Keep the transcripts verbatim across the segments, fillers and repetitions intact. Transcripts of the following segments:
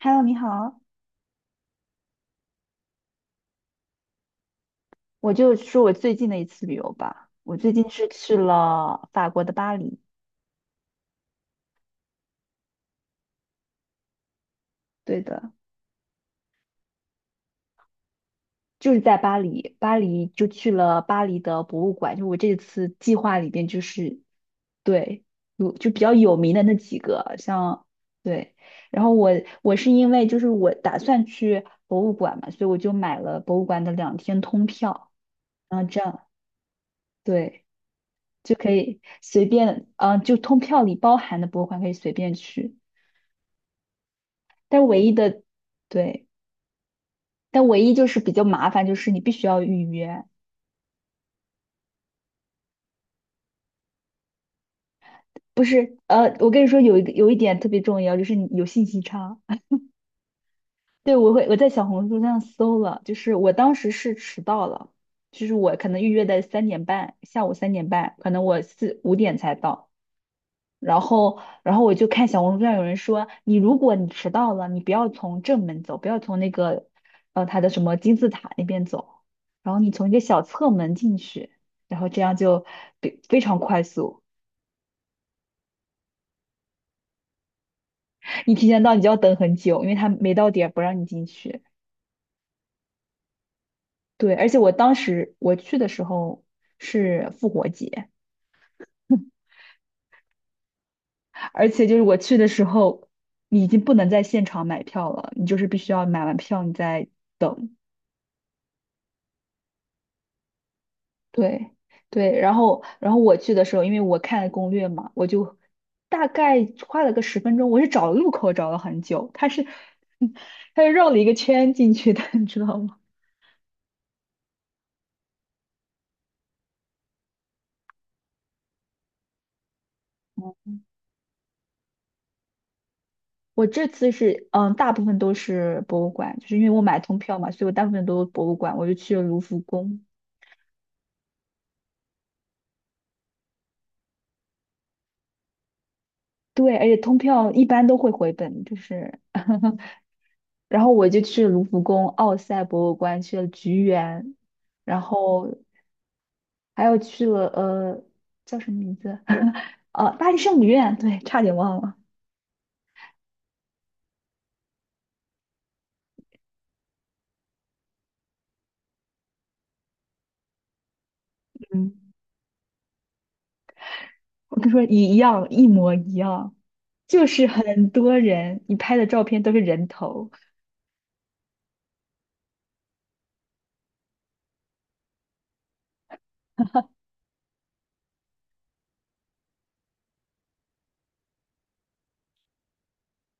Hello，你好，我就说我最近的一次旅游吧。我最近是去了法国的巴黎，对的，就是在巴黎，巴黎就去了巴黎的博物馆。就我这次计划里边，就是对，有就比较有名的那几个，像对。然后我我是因为就是我打算去博物馆嘛，所以我就买了博物馆的两天通票，然后这样对就可以随便，嗯、就通票里包含的博物馆可以随便去。但唯一的，对，但唯一就是比较麻烦，就是你必须要预约，不是？呃，我跟你说有一个有一点特别重要，就是你有信息差。对，我会我在小红书上搜了，就是我当时是迟到了，就是我可能预约的三点半，下午三点半，可能我四五点才到。然后，然后我就看小红书上有人说，你如果你迟到了，你不要从正门走，不要从那个，呃，它的什么金字塔那边走，然后你从一个小侧门进去，然后这样就非非常快速。你提前到，你就要等很久，因为他没到点不让你进去。对，而且我当时我去的时候是复活节，而且就是我去的时候，你已经不能在现场买票了，你就是必须要买完票你再对对，然后然后我去的时候，因为我看攻略嘛，我就大概花了个十分钟，我是找路口找了很久，他是他是绕了一个圈进去的，你知道吗？我这次是嗯，大部分都是博物馆，就是因为我买通票嘛，所以我大部分都是博物馆，我就去了卢浮宫。对，而且通票一般都会回本，就是然后我就去卢浮宫奥赛博物馆去了菊园，然后还有去了呃叫什么名字？呃，巴黎圣母院，对，差点忘了。嗯，我跟你说一样，一模一样，就是很多人，你拍的照片都是人头，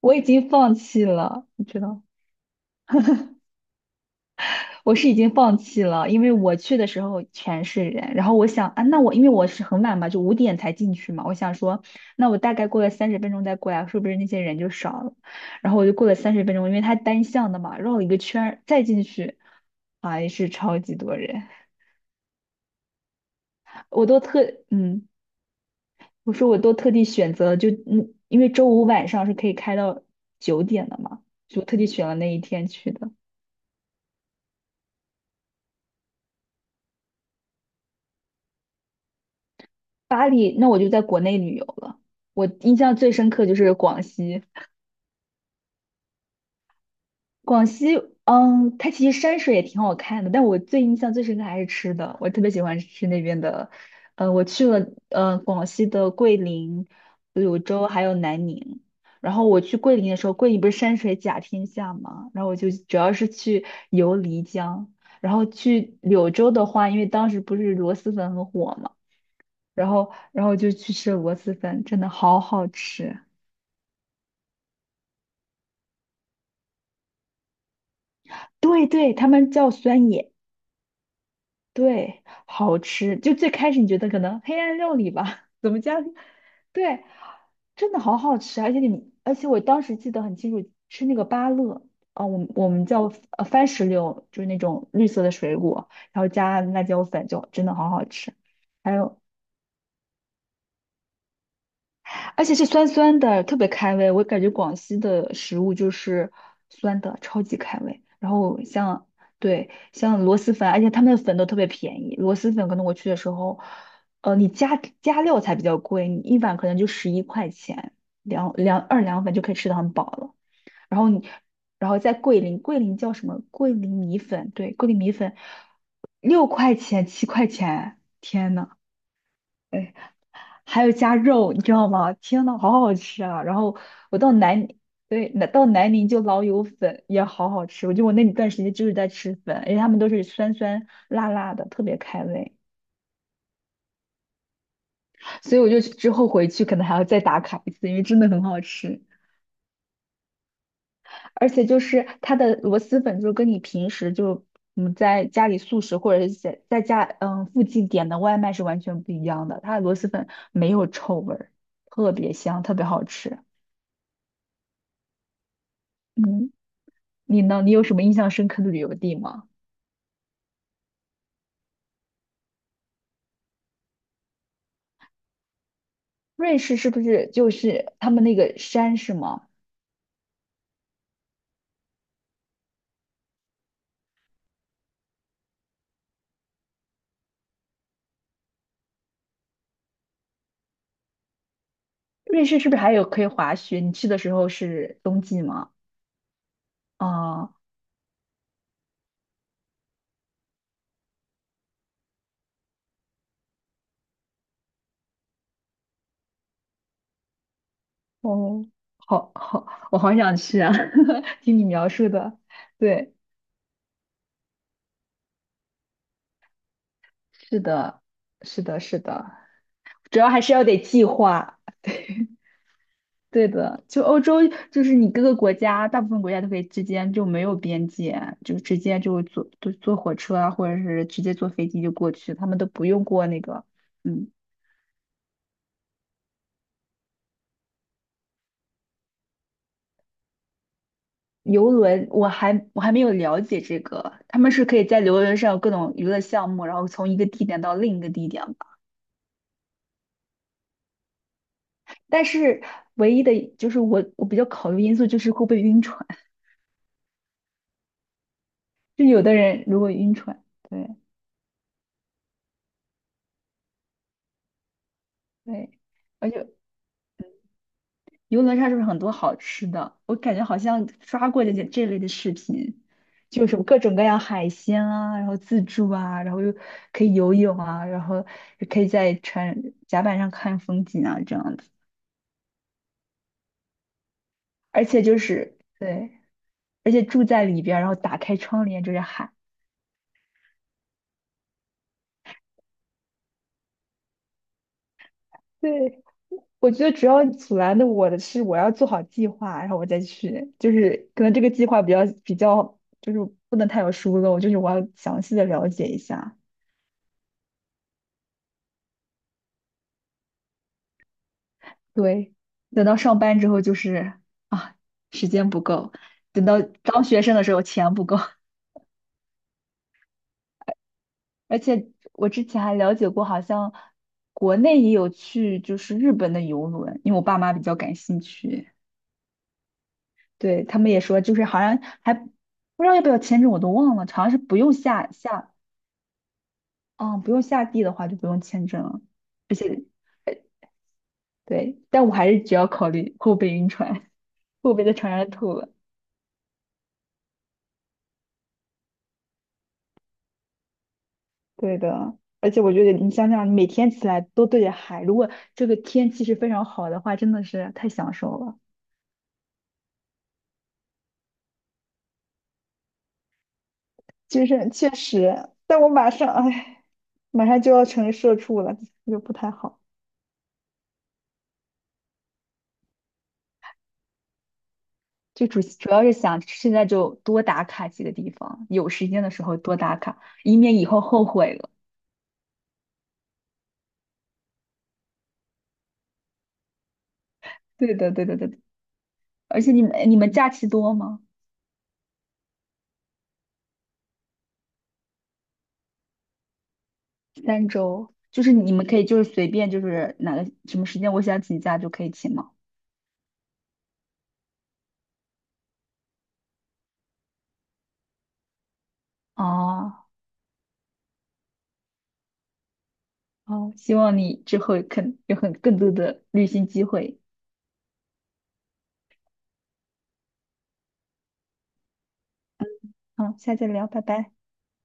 我已经放弃了，你知道。我是已经放弃了，因为我去的时候全是人，然后我想啊，那我因为我是很晚嘛，就五点才进去嘛，我想说，那我大概过了三十分钟再过来，是不是那些人就少了？然后我就过了三十分钟，因为它单向的嘛，绕了一个圈儿再进去，还是超级多人，我都特嗯，我说我都特地选择了就嗯，因为周五晚上是可以开到九点的嘛，就特地选了那一天去的。巴黎，那我就在国内旅游了。我印象最深刻就是广西，广西，嗯，它其实山水也挺好看的，但我最印象最深刻还是吃的，我特别喜欢吃那边的，呃，我去了，呃，广西的桂林、柳州还有南宁，然后我去桂林的时候，桂林不是山水甲天下嘛，然后我就主要是去游漓江，然后去柳州的话，因为当时不是螺蛳粉很火嘛，然后然后就去吃了螺蛳粉，真的好好吃，对对，他们叫酸野。对，好吃。就最开始你觉得可能黑暗料理吧，怎么加？对，真的好好吃啊，而且你，而且我当时记得很清楚，吃那个芭乐，啊、我们我们叫呃番石榴，就是那种绿色的水果，然后加辣椒粉，就真的好好吃。还有而且是酸酸的，特别开胃。我感觉广西的食物就是酸的，超级开胃。然后像对像螺蛳粉，而且他们的粉都特别便宜。螺蛳粉可能我去的时候，呃，你加加料才比较贵，你一碗可能就十一块钱，两两二两粉就可以吃的很饱了。然后你，然后在桂林，桂林叫什么？桂林米粉，对，桂林米粉六块钱七块钱，天呐！哎，还有加肉，你知道吗？天呐，好好吃啊！然后我到南宁对，那到南宁就老友粉也好好吃。我就我那段时间就是在吃粉，而且他们都是酸酸辣辣的，特别开胃。所以我就之后回去可能还要再打卡一次，因为真的很好吃。而且就是它的螺蛳粉，就是跟你平时就嗯在家里素食或者是在在家嗯附近点的外卖是完全不一样的。它的螺蛳粉没有臭味儿，特别香，特别好吃。嗯。你呢？你有什么印象深刻的旅游地吗？瑞士是不是就是他们那个山是吗？瑞士是不是还有可以滑雪？你去的时候是冬季吗？啊，哦，好好，我好想去啊！听你描述的，对，是的，是的，是的，主要还是要得计划。对的，就欧洲，就是你各个国家，大部分国家都可以之间就没有边界，就直接就坐坐坐火车啊，或者是直接坐飞机就过去，他们都不用过那个，嗯，游轮。我还我还没有了解这个，他们是可以在游轮上有各种娱乐项目，然后从一个地点到另一个地点吧。但是唯一的就是我我比较考虑因素就是会不会晕船，就有的人如果晕船，对对。而且。游轮上是不是很多好吃的？我感觉好像刷过这些这类的视频，就是有各种各样海鲜啊，然后自助啊，然后又可以游泳啊，然后也可以在船甲板上看风景啊，这样子。而且就是对，而且住在里边儿然后打开窗帘就是海。对，我觉得主要阻拦的我的是我要做好计划，然后我再去，就是可能这个计划比较比较就是不能太有疏漏，就是我要详细的了解一下。对，等到上班之后就是啊，时间不够；等到当学生的时候，钱不够。而且我之前还了解过，好像国内也有去就是日本的游轮，因为我爸妈比较感兴趣，对，他们也说就是好像还不知道要不要签证，我都忘了，好像是不用下下，嗯，不用下地的话就不用签证了，而且对，但我还是只要考虑后背晕船，后背会在船上吐了。对的，而且我觉得你想想，每天起来都对着海，如果这个天气是非常好的话，真的是太享受了。就是确实，但我马上，哎，马上就要成社畜了，就不太好。就主主要是想现在就多打卡几个地方，有时间的时候多打卡，以免以后后悔了。对的，对的，对的。而且你们你们假期多吗？三周，就是你们可以就是随便就是哪个什么时间我想请假就可以请吗？哦，好，希望你之后肯有很更多的旅行机会。好，下次再聊，拜拜。